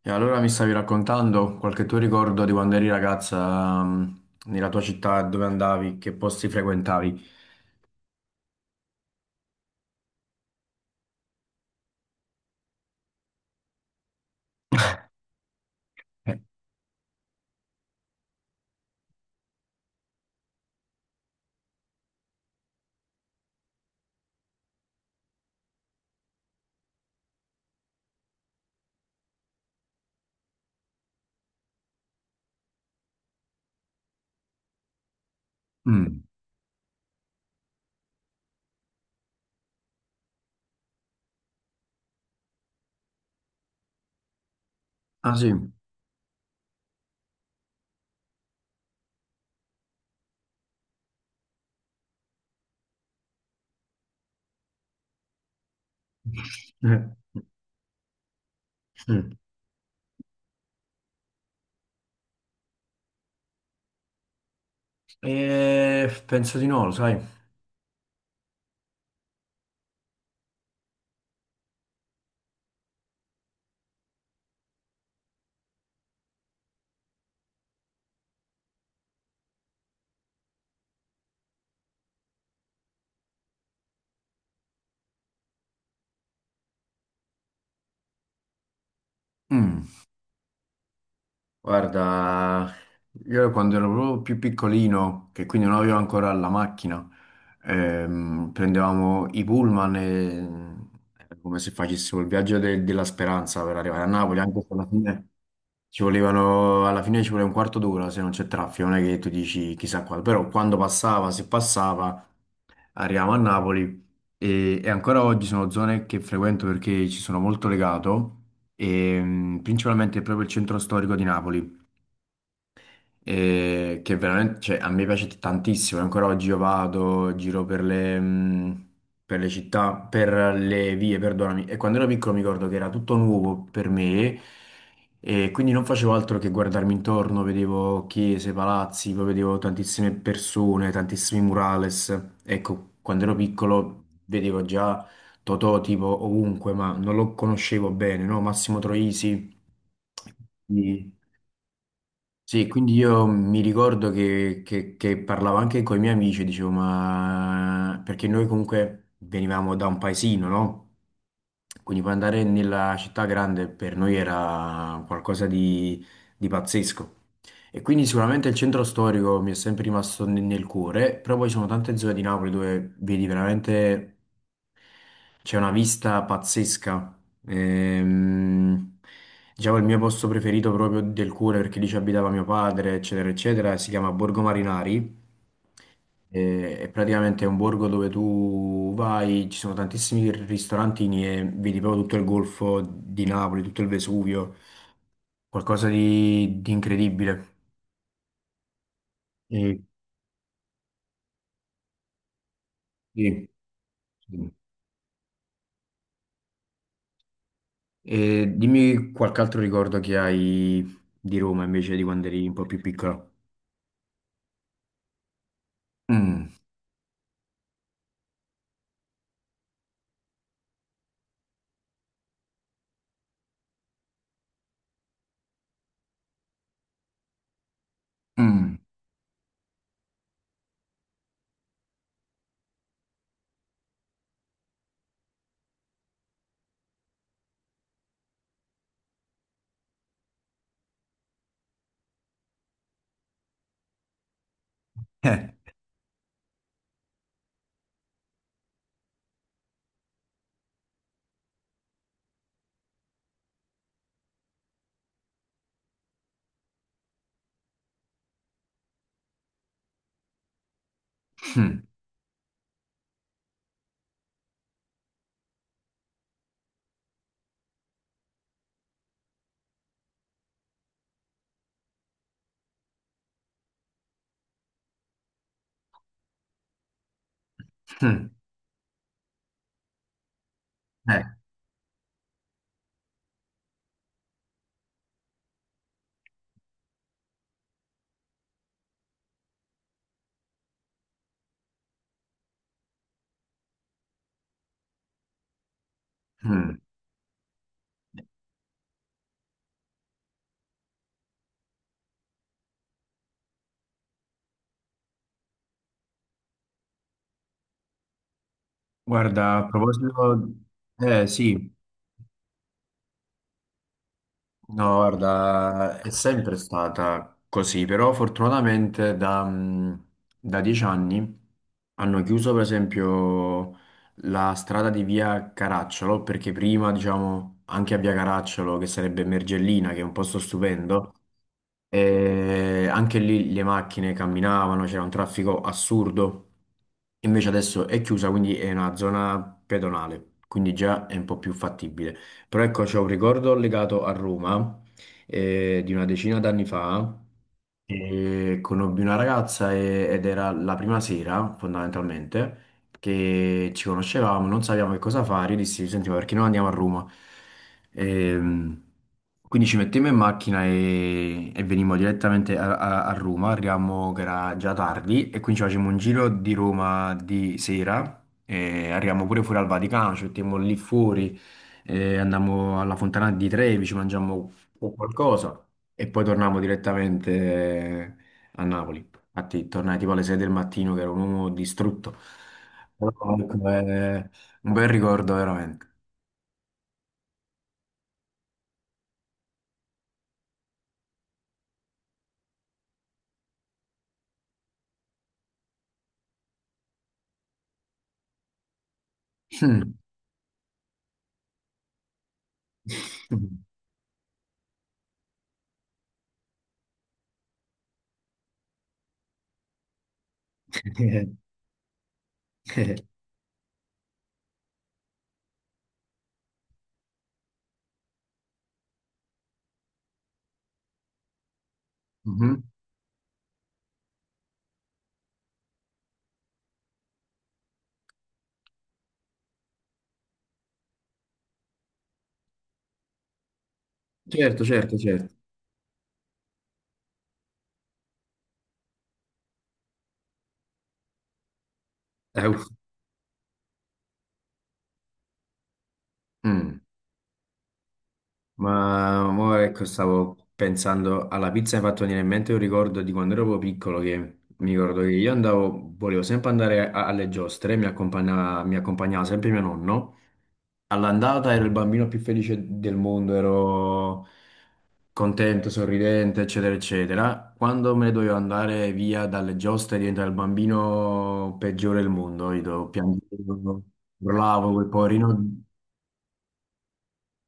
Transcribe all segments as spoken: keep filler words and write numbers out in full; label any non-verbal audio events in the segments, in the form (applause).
E allora mi stavi raccontando qualche tuo ricordo di quando eri ragazza, mm, nella tua città, dove andavi, che posti frequentavi? Mm. Ah sì? Eh, sì. Eh, penso di no, lo sai? Mm. Guarda, io quando ero proprio più piccolino, che quindi non avevo ancora la macchina, ehm, prendevamo i pullman e... mm, era come se facessimo il viaggio de- della speranza per arrivare a Napoli, anche se alla fine... Ci volevano, alla fine ci vuole un quarto d'ora se non c'è traffico, non è che tu dici chissà quando, però quando passava, se passava, arriviamo a Napoli e, e ancora oggi sono zone che frequento perché ci sono molto legato, e, mh, principalmente proprio il centro storico di Napoli e che veramente, cioè, a me piace tantissimo. e Ancora oggi io vado, giro per le, mh, per le città, per le vie, perdonami. E quando ero piccolo mi ricordo che era tutto nuovo per me e quindi non facevo altro che guardarmi intorno, vedevo chiese, palazzi, poi vedevo tantissime persone, tantissimi murales. Ecco, quando ero piccolo vedevo già Totò tipo ovunque, ma non lo conoscevo bene, no? Massimo Troisi. Quindi sì, quindi io mi ricordo che, che- che parlavo anche con i miei amici, e dicevo, ma perché noi comunque venivamo da un paesino, no? Quindi poi andare nella città grande per noi era qualcosa di, di pazzesco. E quindi sicuramente il centro storico mi è sempre rimasto ne- nel cuore, però poi ci sono tante zone di Napoli dove vedi veramente c'è una vista pazzesca. Ehm, diciamo il mio posto preferito proprio del cuore perché lì ci abitava mio padre, eccetera, eccetera. Si chiama Borgo Marinari. E, e praticamente è un borgo dove tu vai, ci sono tantissimi ristorantini e vedi proprio tutto il golfo di Napoli, tutto il Vesuvio, qualcosa di, di incredibile. E, sì, sì. E dimmi qualche altro ricordo che hai di Roma invece di quando eri un po' più piccola. Mm, mm, (laughs) eh, mm, mm, eh, mm. Guarda, a proposito, eh sì. No, guarda, è sempre stata così, però fortunatamente da, mh, da dieci anni hanno chiuso per esempio la strada di via Caracciolo, perché prima, diciamo, anche a via Caracciolo, che sarebbe Mergellina, che è un posto stupendo, e anche lì le macchine camminavano, c'era un traffico assurdo. Invece adesso è chiusa, quindi è una zona pedonale, quindi già è un po' più fattibile. Però ecco, c'è un ricordo legato a Roma eh, di una decina d'anni fa. E conobbi una ragazza e- ed era la prima sera, fondamentalmente, che ci conoscevamo, non sapevamo che cosa fare. Io dissi, senti, ma perché non andiamo a Roma? Ehm, quindi ci mettemmo in macchina e, e venimmo direttamente a, a- a Roma. Arriviamo che era già tardi e quindi ci facciamo un giro di Roma di sera. E arriviamo pure fuori al Vaticano, ci mettiamo lì fuori eh, andammo alla Fontana di Trevi, ci mangiammo qu- qualcosa e poi tornavamo direttamente eh, a Napoli. Infatti tornai tipo alle sei del mattino che ero un uomo distrutto. Però comunque eh, un bel ricordo veramente. (laughs) Mhm. Certo, certo, certo. Eh, uff. Mm. Ma mo ecco, stavo pensando alla pizza, mi è fatto venire in mente un ricordo di quando ero proprio piccolo che mi ricordo che io andavo, volevo sempre andare a- alle giostre, mi accompagnava, mi accompagnava sempre mio nonno. All'andata ero il bambino più felice del mondo, ero contento, sorridente, eccetera, eccetera. Quando me ne dovevo andare via dalle giostre diventavo il bambino peggiore del mondo, io piangevo, urlavo, quel poverino.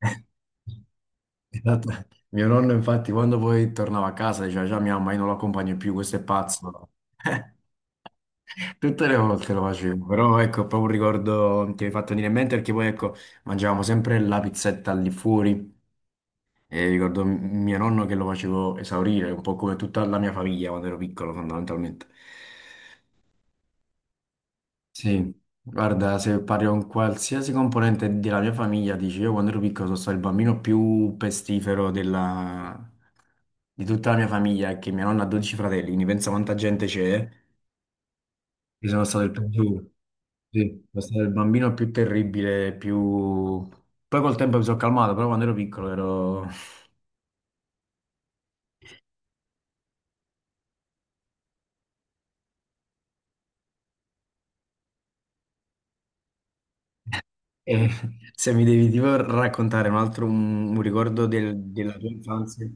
(laughs) Esatto. Mio nonno, infatti, quando poi tornava a casa, diceva già mia mamma, io non lo accompagno più, questo è pazzo. (laughs) Tutte le volte lo facevo, però ecco, è proprio un ricordo che mi hai fatto venire in mente perché poi ecco, mangiavamo sempre la pizzetta lì fuori e ricordo m- mio nonno che lo facevo esaurire, un po' come tutta la mia famiglia quando ero piccolo, fondamentalmente. Sì, guarda, se parli con qualsiasi componente della mia famiglia, dici io quando ero piccolo sono stato il bambino più pestifero della- di tutta la mia famiglia, che mia nonna ha dodici fratelli, quindi pensa quanta gente c'è, io sono stato il più, sì, sono stato il bambino più terribile, più... Poi col tempo mi sono calmato, però quando ero piccolo ero... (laughs) E se mi devi tipo raccontare un altro un, un ricordo del- della tua infanzia...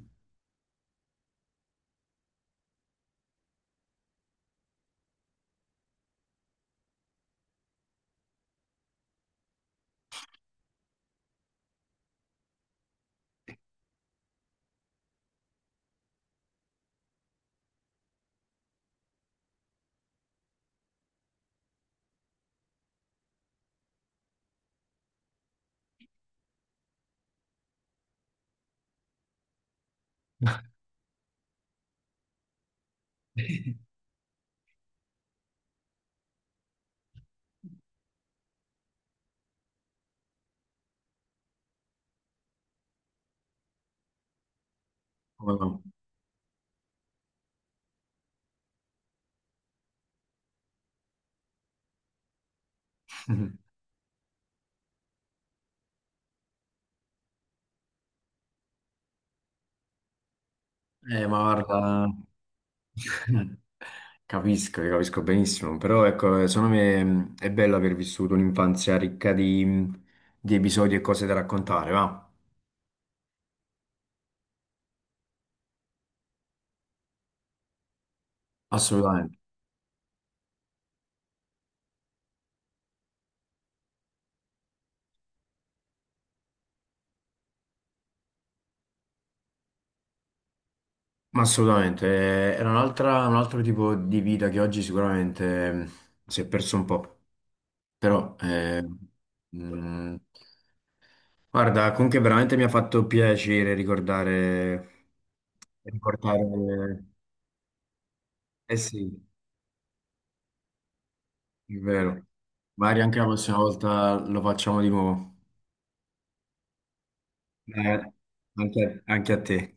(laughs) Come no? (laughs) Eh, ma guarda... (laughs) Capisco, io capisco benissimo, però ecco, eh, secondo me mh, è bello aver vissuto un'infanzia ricca di, mh, di episodi e cose da raccontare, va? Assolutamente. Ma assolutamente, eh, era un'altra- un altro tipo di vita che oggi sicuramente mh, si è perso un po', però eh, mh, guarda, comunque veramente mi ha fatto piacere ricordare, ricordare, eh sì, è vero, magari anche la prossima volta lo facciamo di nuovo. Eh, anche, anche a te.